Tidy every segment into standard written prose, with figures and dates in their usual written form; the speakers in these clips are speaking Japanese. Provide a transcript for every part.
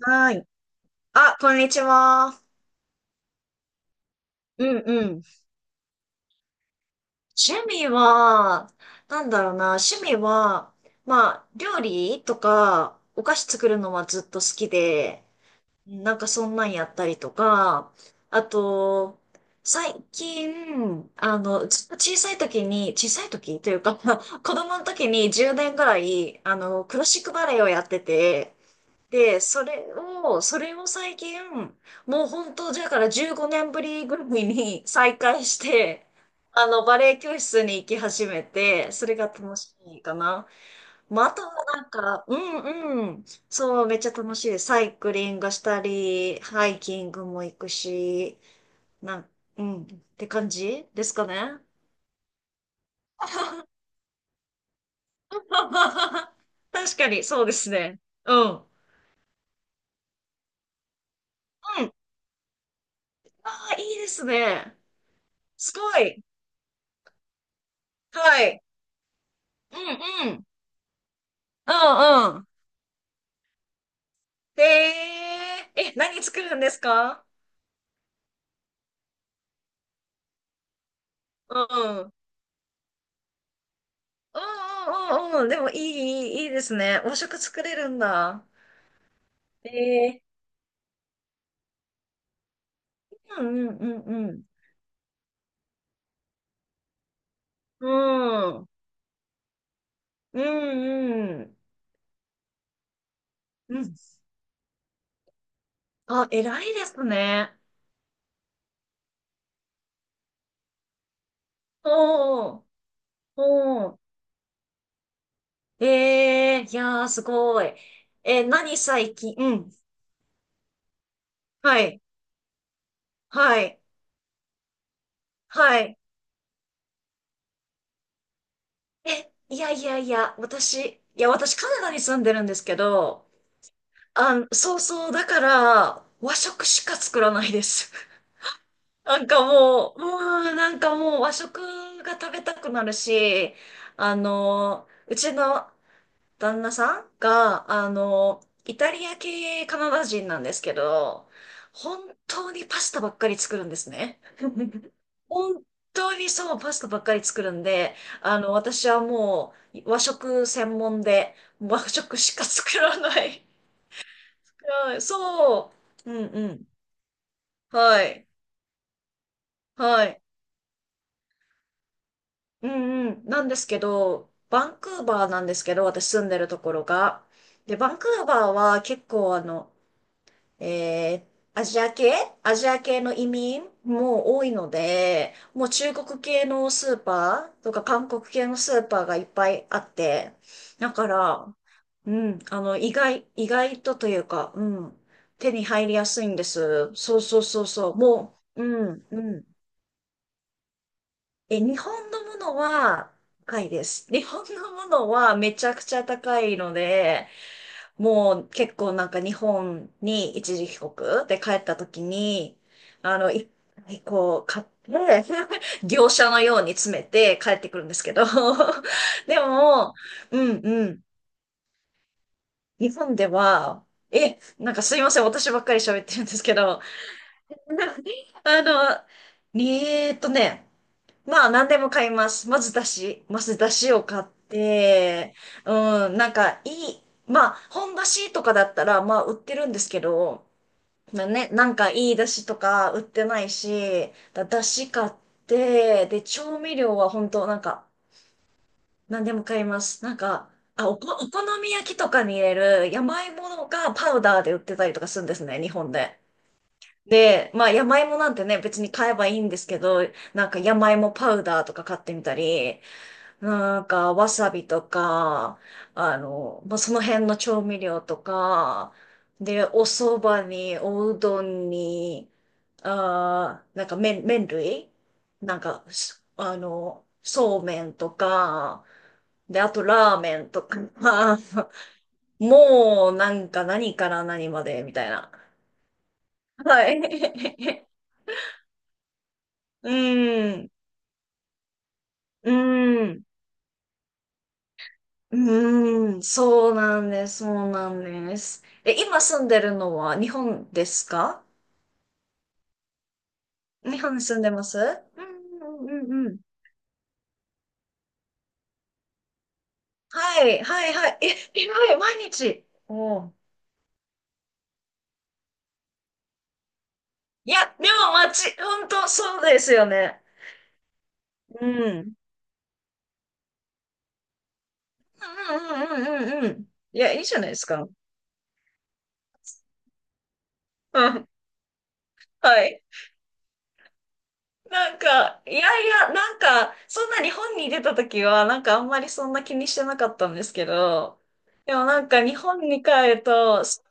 はい。あ、こんにちは。うんうん。趣味は、なんだろうな、趣味は、まあ、料理とか、お菓子作るのはずっと好きで、なんかそんなんやったりとか。あと、最近、ずっと小さい時に、小さい時というか、子供の時に10年ぐらい、クラシックバレエをやってて、で、それを最近、もう本当、だから15年ぶりぐらいに 再開して、あの、バレエ教室に行き始めて、それが楽しいかな。まあ、あとはなんか、うんうん、そう、めっちゃ楽しい。サイクリングしたり、ハイキングも行くし、なん、うん、って感じですかね。確かに、そうですね。うん。うん。ああ、いいですね。すごい。はい。うんうん。うんうん。へえ、え、何作るんですか？うん。うんうんうんうん。でもいい、いいいいですね。和食作れるんだ。ええ。うんうんうんうん。うん。うんうん。うん。あ、偉いですね。おー。おー。ええ、いやー、すごい。えー、何最近うん。はい。はい。はい。え、いやいやいや、私カナダに住んでるんですけど、あん、そうそう、だから、和食しか作らないです。なんかもう、うん、なんかもう和食が食べたくなるし、あの、うちの旦那さんが、あの、イタリア系カナダ人なんですけど、本当にパスタばっかり作るんですね。本当にそう、パスタばっかり作るんで、あの、私はもう和食専門で、和食しか作らない。はい、そう。うんうん。はい。はい。うんうん。なんですけど、バンクーバーなんですけど、私住んでるところが。で、バンクーバーは結構あの、アジア系アジア系の移民も多いので、もう中国系のスーパーとか韓国系のスーパーがいっぱいあって、だから、うん、あの、意外とというか、うん、手に入りやすいんです。そうそうそうそう、もう、うん、うん。え、日本のものは高いです。日本のものはめちゃくちゃ高いので、もう結構なんか日本に一時帰国で帰った時に、あの、い、こう買って、業者のように詰めて帰ってくるんですけど、でも、うんうん、日本では、え、なんかすいません、私ばっかり喋ってるんですけど。あの、えーっとね、まあ、何でも買います。まず、まず、だしを買って、うん、なんか、いい、まあ、本だしとかだったら、まあ、売ってるんですけど、まあね、なんか、いいだしとか売ってないし、だし買って、で、調味料は本当なんか、何でも買います。なんか、お好み焼きとかに入れる山芋がパウダーで売ってたりとかするんですね、日本で。で、まあ、山芋なんてね、別に買えばいいんですけど、なんか山芋パウダーとか買ってみたり、なんか、わさびとか、あの、まあ、その辺の調味料とか、で、お蕎麦に、おうどんに、あー、なんか麺類なんか、あの、そうめんとか、で、あとラーメンとか、もう、なんか何から何まで、みたいな。はい。うん。うん。うーん、そうなんです。え、今住んでるのは日本ですか？日本に住んでます？うんうんうんうん。はい、はい、はい。え、えらい、毎日。おう、いや、でも街、本当そうですよね。うん。うんうんうんうんうん。いや、いいじゃないですか。うん。はい。なんか、いやいや、なんか、そんな日本に出た時は、なんかあんまりそんな気にしてなかったんですけど、でもなんか日本に帰ると、そ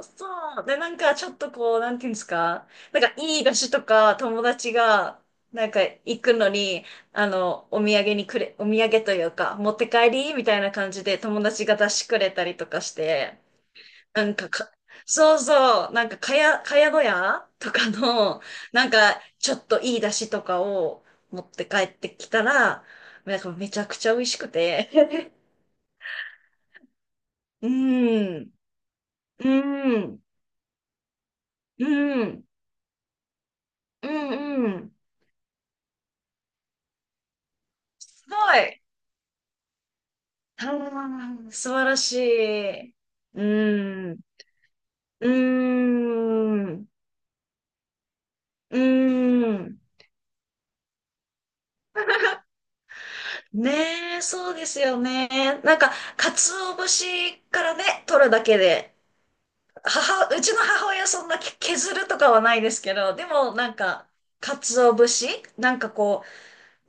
う、そう、でなんかちょっとこう、なんていうんですか、なんかいい菓子とか友達が、なんか行くのに、あの、お土産というか、持って帰りみたいな感じで友達が出してくれたりとかして、なんかか、そうそう、なんか、かや小屋とかの、なんか、ちょっといい出汁とかを持って帰ってきたら、なんかめちゃくちゃ美味しくて。うん、うん、うん、うん、うん。すごい。あー素晴らしい。うん、うん、うん。ねえ、そうですよね。なんか、鰹節からね、取るだけで、うちの母親そんな削るとかはないですけど、でもなんか、鰹節なんかこ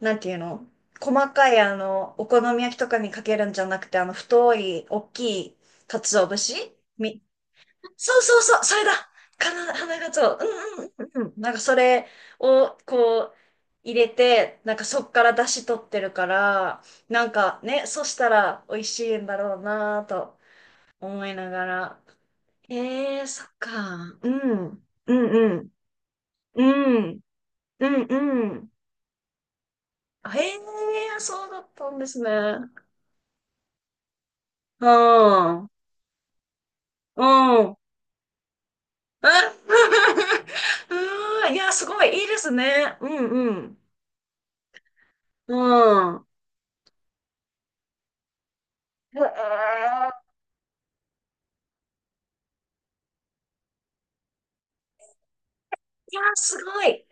う、なんていうの、細かいあの、お好み焼きとかにかけるんじゃなくて、あの、太い、大きい鰹節み、そうそうそう、それだかな、花鰹。うんうんうんうん。なんかそれをこう、入れて、なんかそっから出汁取ってるから、なんかね、そしたら美味しいんだろうなぁと思いながら。ええ、そっか。うん。うんうん。うん。うんうん。ええ、そうだったんですね。うん。うん。あ うん。いや、すごい、いいですね。うんうん。うん。ええ、いや、すごい。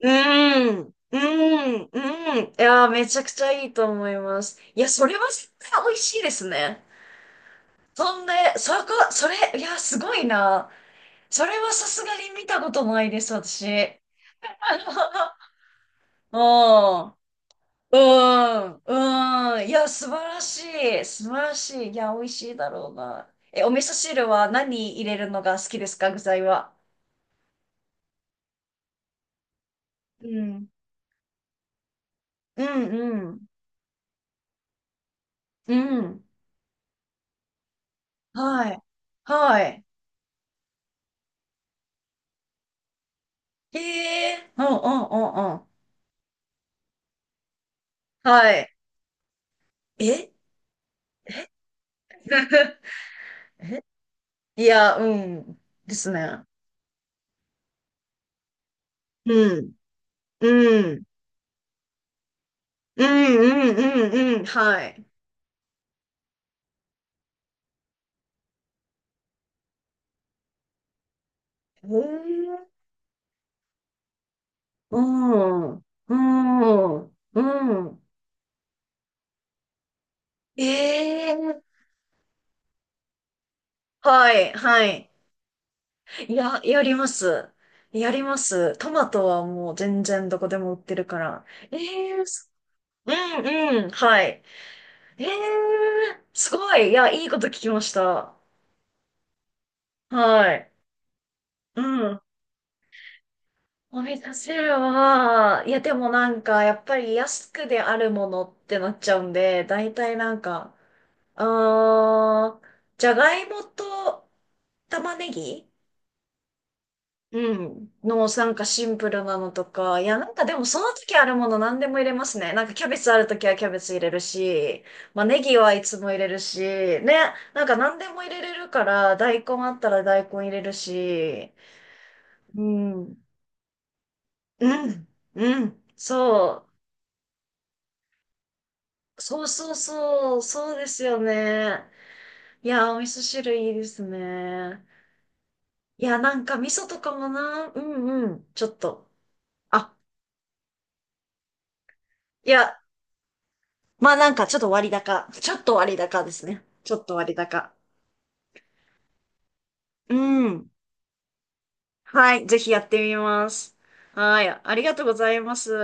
うん、うん、うん。いやー、めちゃくちゃいいと思います。いや、それは絶対美味しいですね。そんで、そこ、それ、いや、すごいな。それはさすがに見たことないです、私。あの、うん、うん、うん。いや、素晴らしい。素晴らしい。いや、美味しいだろうな。え、お味噌汁は何入れるのが好きですか、具材は？うん。うん、うん。うん。はい。はい。へえ。うん、うん、うん、うん。はい。え え、いや、うん。ですね。うん。うん。うん、うん、うん、うん。はい。えー、うん、うん、うん。えー、はい、はい。いや、やります。やります。トマトはもう全然どこでも売ってるから。うん、うん、はい。えー、すごい。いや、いいこと聞きました。はい。うん。お味噌汁は、いや、でもなんか、やっぱり安くであるものってなっちゃうんで、大体なんか、あー、じゃがいもと玉ねぎ、うん、のなんかシンプルなのとか、いやなんかでもその時あるもの何でも入れますね。なんかキャベツある時はキャベツ入れるし、まあネギはいつも入れるし、ね、なんか何でも入れれるから大根あったら大根入れるし、うん、うん、うん、そう、そうそうそう、そうですよね。いや、お味噌汁いいですね。いや、なんか味噌とかもな、うんうん、ちょっと。あ、いや、まあなんかちょっと割高。ちょっと割高ですね。ちょっと割高。うん。はい、ぜひやってみます。はい、ありがとうございます。